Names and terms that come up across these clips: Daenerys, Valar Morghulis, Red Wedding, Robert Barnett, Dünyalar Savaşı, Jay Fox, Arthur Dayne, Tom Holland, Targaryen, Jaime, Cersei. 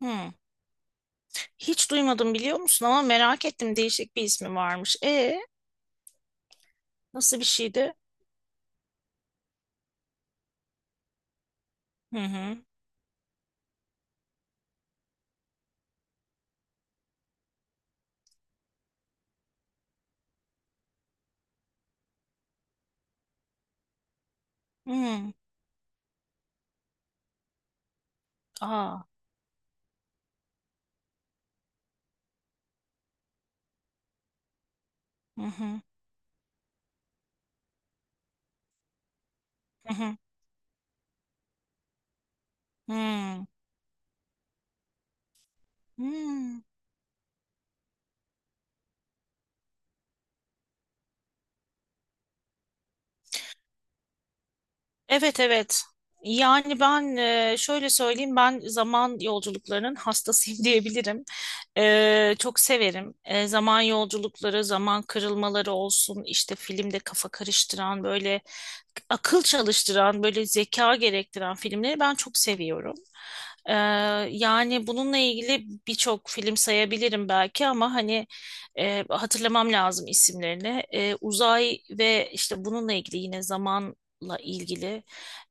Hmm. Hiç duymadım biliyor musun ama merak ettim değişik bir ismi varmış. Nasıl bir şeydi? Hı hı. Hmm. Aa. Hı hı. Hı hı. Hmm. Hmm. Evet evet. Yani ben şöyle söyleyeyim, ben zaman yolculuklarının hastasıyım diyebilirim. Çok severim. Zaman yolculukları, zaman kırılmaları olsun, işte filmde kafa karıştıran, böyle akıl çalıştıran, böyle zeka gerektiren filmleri ben çok seviyorum. Ee, Yani bununla ilgili birçok film sayabilirim belki ama hani hatırlamam lazım isimlerini. Uzay ve işte bununla ilgili, yine zamanla ilgili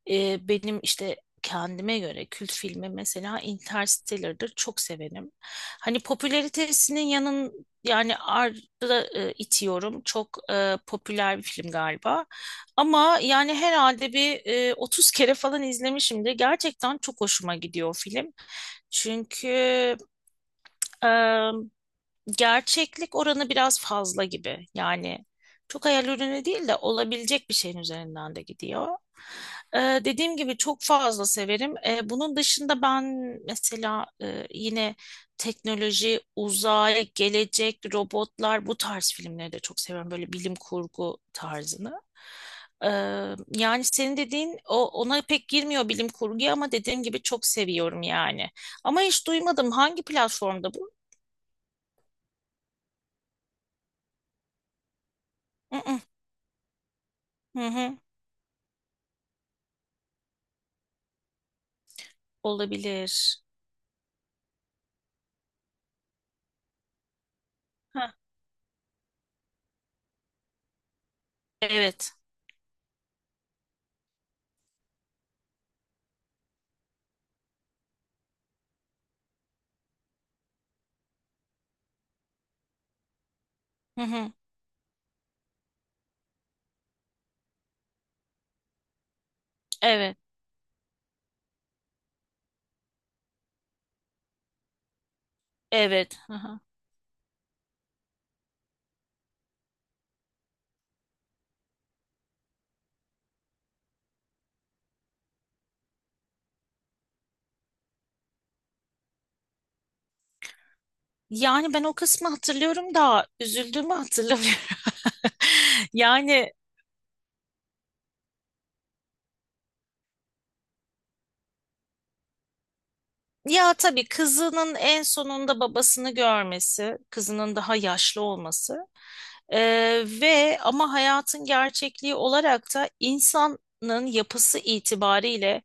benim işte kendime göre kült filmi mesela Interstellar'dır. Çok severim. Hani popülaritesinin yanın yani ardı da, itiyorum. Çok popüler bir film galiba. Ama yani herhalde bir 30 kere falan izlemişimdir. Gerçekten çok hoşuma gidiyor o film. Çünkü e, gerçeklik oranı biraz fazla gibi. Yani çok hayal ürünü değil de, olabilecek bir şeyin üzerinden de gidiyor. Ee, Dediğim gibi çok fazla severim. Bunun dışında ben mesela yine teknoloji, uzay, gelecek, robotlar, bu tarz filmleri de çok seviyorum. Böyle bilim kurgu tarzını. Ee, Yani senin dediğin o ona pek girmiyor bilim kurguya ama dediğim gibi çok seviyorum yani. Ama hiç duymadım, hangi platformda bu? Hı hı, hı hı, olabilir. Heh, evet. Hı hı, evet. Evet. Hı hı. Yani ben o kısmı hatırlıyorum da üzüldüğümü hatırlamıyorum. Yani, ya tabii, kızının en sonunda babasını görmesi, kızının daha yaşlı olması. Ve ama hayatın gerçekliği olarak da, insanın yapısı itibariyle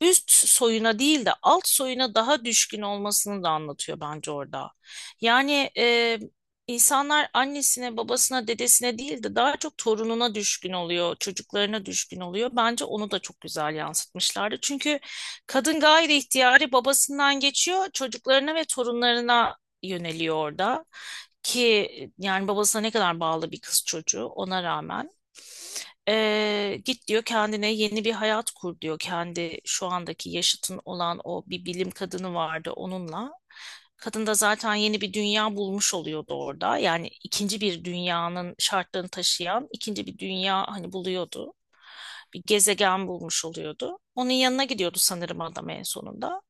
üst soyuna değil de alt soyuna daha düşkün olmasını da anlatıyor bence orada. Yani insanlar annesine, babasına, dedesine değil de daha çok torununa düşkün oluyor, çocuklarına düşkün oluyor. Bence onu da çok güzel yansıtmışlardı. Çünkü kadın gayri ihtiyari babasından geçiyor, çocuklarına ve torunlarına yöneliyor orada. Ki yani babasına ne kadar bağlı bir kız çocuğu ona rağmen. Git diyor, kendine yeni bir hayat kur diyor. Kendi şu andaki yaşıtın olan o bir bilim kadını vardı, onunla. Kadın da zaten yeni bir dünya bulmuş oluyordu orada. Yani ikinci bir dünyanın şartlarını taşıyan ikinci bir dünya hani buluyordu, bir gezegen bulmuş oluyordu. Onun yanına gidiyordu sanırım adam en sonunda.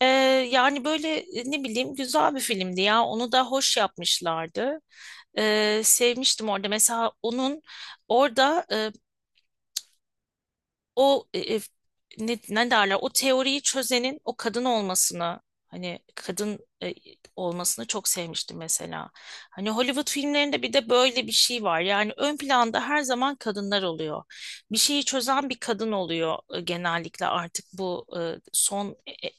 Ee, Yani böyle ne bileyim, güzel bir filmdi ya. Onu da hoş yapmışlardı. Sevmiştim orada. Mesela onun orada o ne derler, o teoriyi çözenin o kadın olmasını, hani kadın olmasını çok sevmiştim mesela. Hani Hollywood filmlerinde bir de böyle bir şey var. Yani ön planda her zaman kadınlar oluyor. Bir şeyi çözen bir kadın oluyor genellikle artık bu son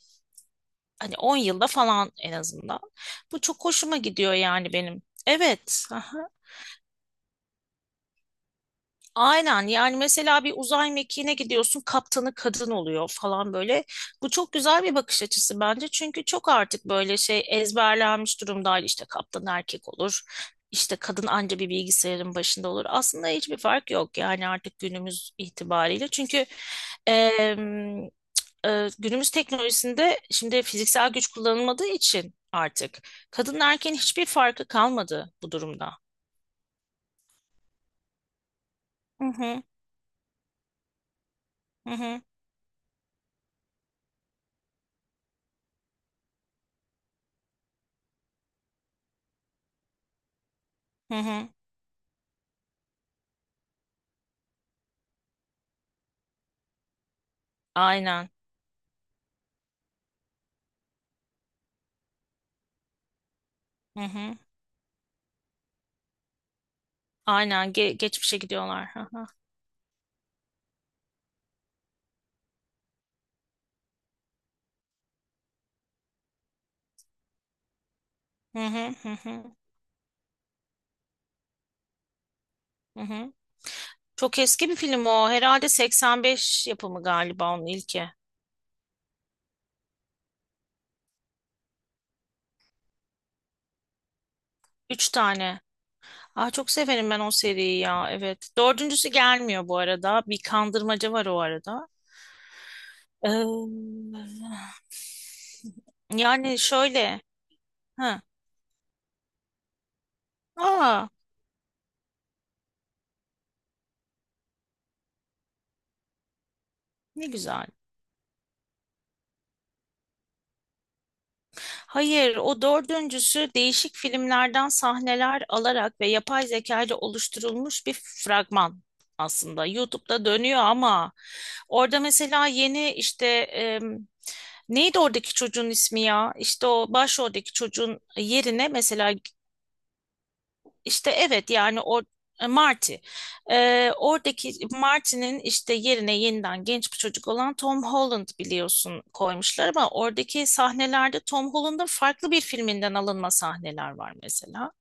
hani 10 yılda falan en azından. Bu çok hoşuma gidiyor yani benim. Evet. Aynen, yani mesela bir uzay mekiğine gidiyorsun, kaptanı kadın oluyor falan böyle. Bu çok güzel bir bakış açısı bence. Çünkü çok artık böyle şey ezberlenmiş durumda, işte kaptan erkek olur, işte kadın anca bir bilgisayarın başında olur. Aslında hiçbir fark yok yani artık günümüz itibariyle. Çünkü em, günümüz teknolojisinde şimdi fiziksel güç kullanılmadığı için artık kadın erkeğin hiçbir farkı kalmadı bu durumda. Hı hı, hı hı, hı hı. Aynen. Hı hı. Aynen geçmişe gidiyorlar. Hı hı. Hı hı, hı hı. Hı hı. Çok eski bir film o. Herhalde 85 yapımı galiba onun ilki. Üç tane. Aa, çok severim ben o seriyi ya. Evet. Dördüncüsü gelmiyor bu arada. Bir kandırmaca var o arada. Yani şöyle. Ha. Aa, ne güzel. Hayır, o dördüncüsü değişik filmlerden sahneler alarak ve yapay zeka ile oluşturulmuş bir fragman aslında. YouTube'da dönüyor ama orada mesela yeni işte neydi oradaki çocuğun ismi ya? İşte o başroldeki çocuğun yerine mesela, işte evet, yani o Marty. Oradaki Marty'nin işte yerine yeniden genç bir çocuk olan Tom Holland, biliyorsun, koymuşlar ama oradaki sahnelerde Tom Holland'ın farklı bir filminden alınma sahneler var mesela.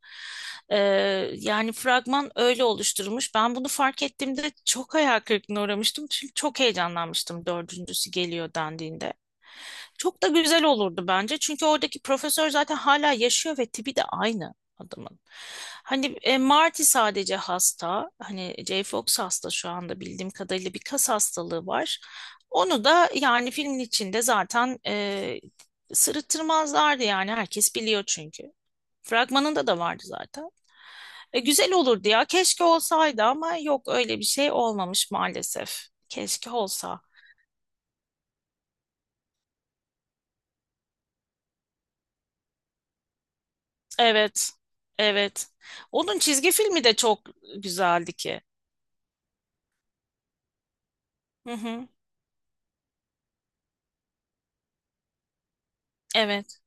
Ee, Yani fragman öyle oluşturulmuş. Ben bunu fark ettiğimde çok hayal kırıklığına uğramıştım. Çünkü çok heyecanlanmıştım dördüncüsü geliyor dendiğinde. Çok da güzel olurdu bence. Çünkü oradaki profesör zaten hala yaşıyor ve tipi de aynı adamın. Hani Marty sadece hasta. Hani Jay Fox hasta şu anda, bildiğim kadarıyla bir kas hastalığı var. Onu da yani filmin içinde zaten sırıttırmazlardı yani, herkes biliyor çünkü. Fragmanında da vardı zaten. Güzel olurdu ya. Keşke olsaydı ama yok, öyle bir şey olmamış maalesef. Keşke olsa. Evet. Evet. Onun çizgi filmi de çok güzeldi ki. Hı hı. Evet.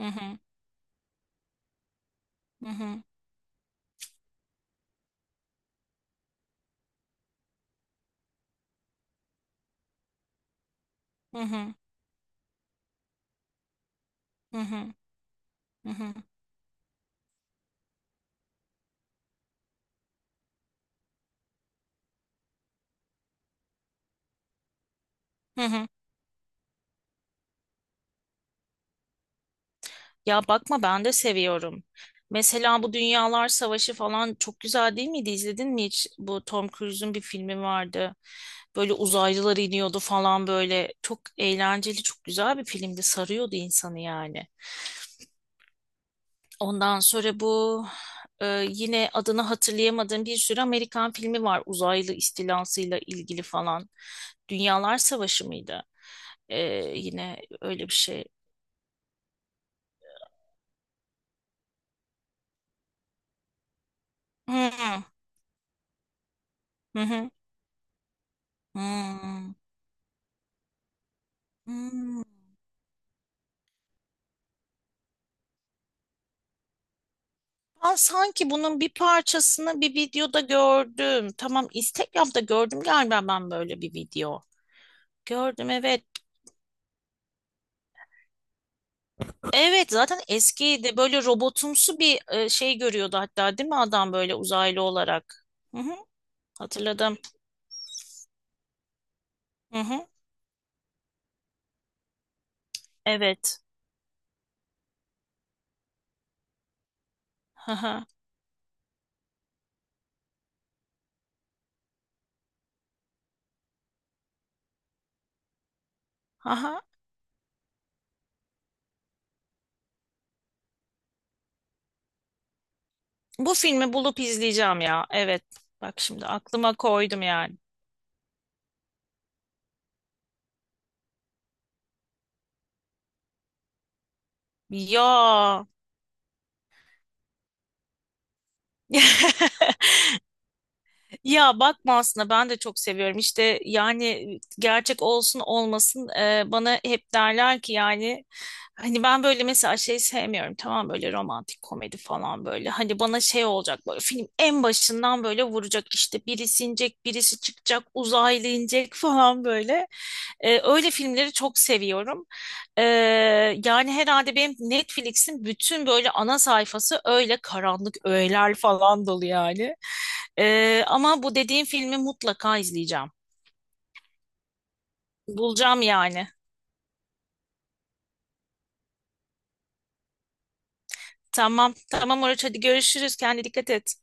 Hı hı. Hı hı. Hı hı, hı hı, hı hı, hı hı. Ya bakma, ben de seviyorum. Mesela bu Dünyalar Savaşı falan çok güzel değil miydi? İzledin mi hiç? Bu Tom Cruise'un bir filmi vardı. Böyle uzaylılar iniyordu falan böyle. Çok eğlenceli, çok güzel bir filmdi. Sarıyordu insanı yani. Ondan sonra bu yine adını hatırlayamadığım bir sürü Amerikan filmi var. Uzaylı istilasıyla ilgili falan. Dünyalar Savaşı mıydı? E, Yine öyle bir şey. Hı. Hı hı. Hmm. Hmm. Ben sanki bunun bir parçasını bir videoda gördüm. Tamam, Instagram'da gördüm galiba ben böyle bir video. Gördüm, evet. Evet, zaten eskiydi. Böyle robotumsu bir şey görüyordu hatta, değil mi adam, böyle uzaylı olarak. Hı hı. Hatırladım. Hı hı. Evet. Hı hı. Hı hı. Bu filmi bulup izleyeceğim ya. Evet. Bak şimdi aklıma koydum yani. Ya. Ya bakma, aslında ben de çok seviyorum. İşte yani gerçek olsun olmasın, bana hep derler ki yani, hani ben böyle mesela şey sevmiyorum, tamam, böyle romantik komedi falan böyle. Hani bana şey olacak, böyle film en başından böyle vuracak, işte birisi inecek, birisi çıkacak, uzaylı inecek falan böyle. Öyle filmleri çok seviyorum. Ee, Yani herhalde benim Netflix'in bütün böyle ana sayfası öyle karanlık öğeler falan dolu yani. Ama bu dediğim filmi mutlaka izleyeceğim. Bulacağım yani. Tamam, tamam Oruç, hadi görüşürüz. Kendine dikkat et.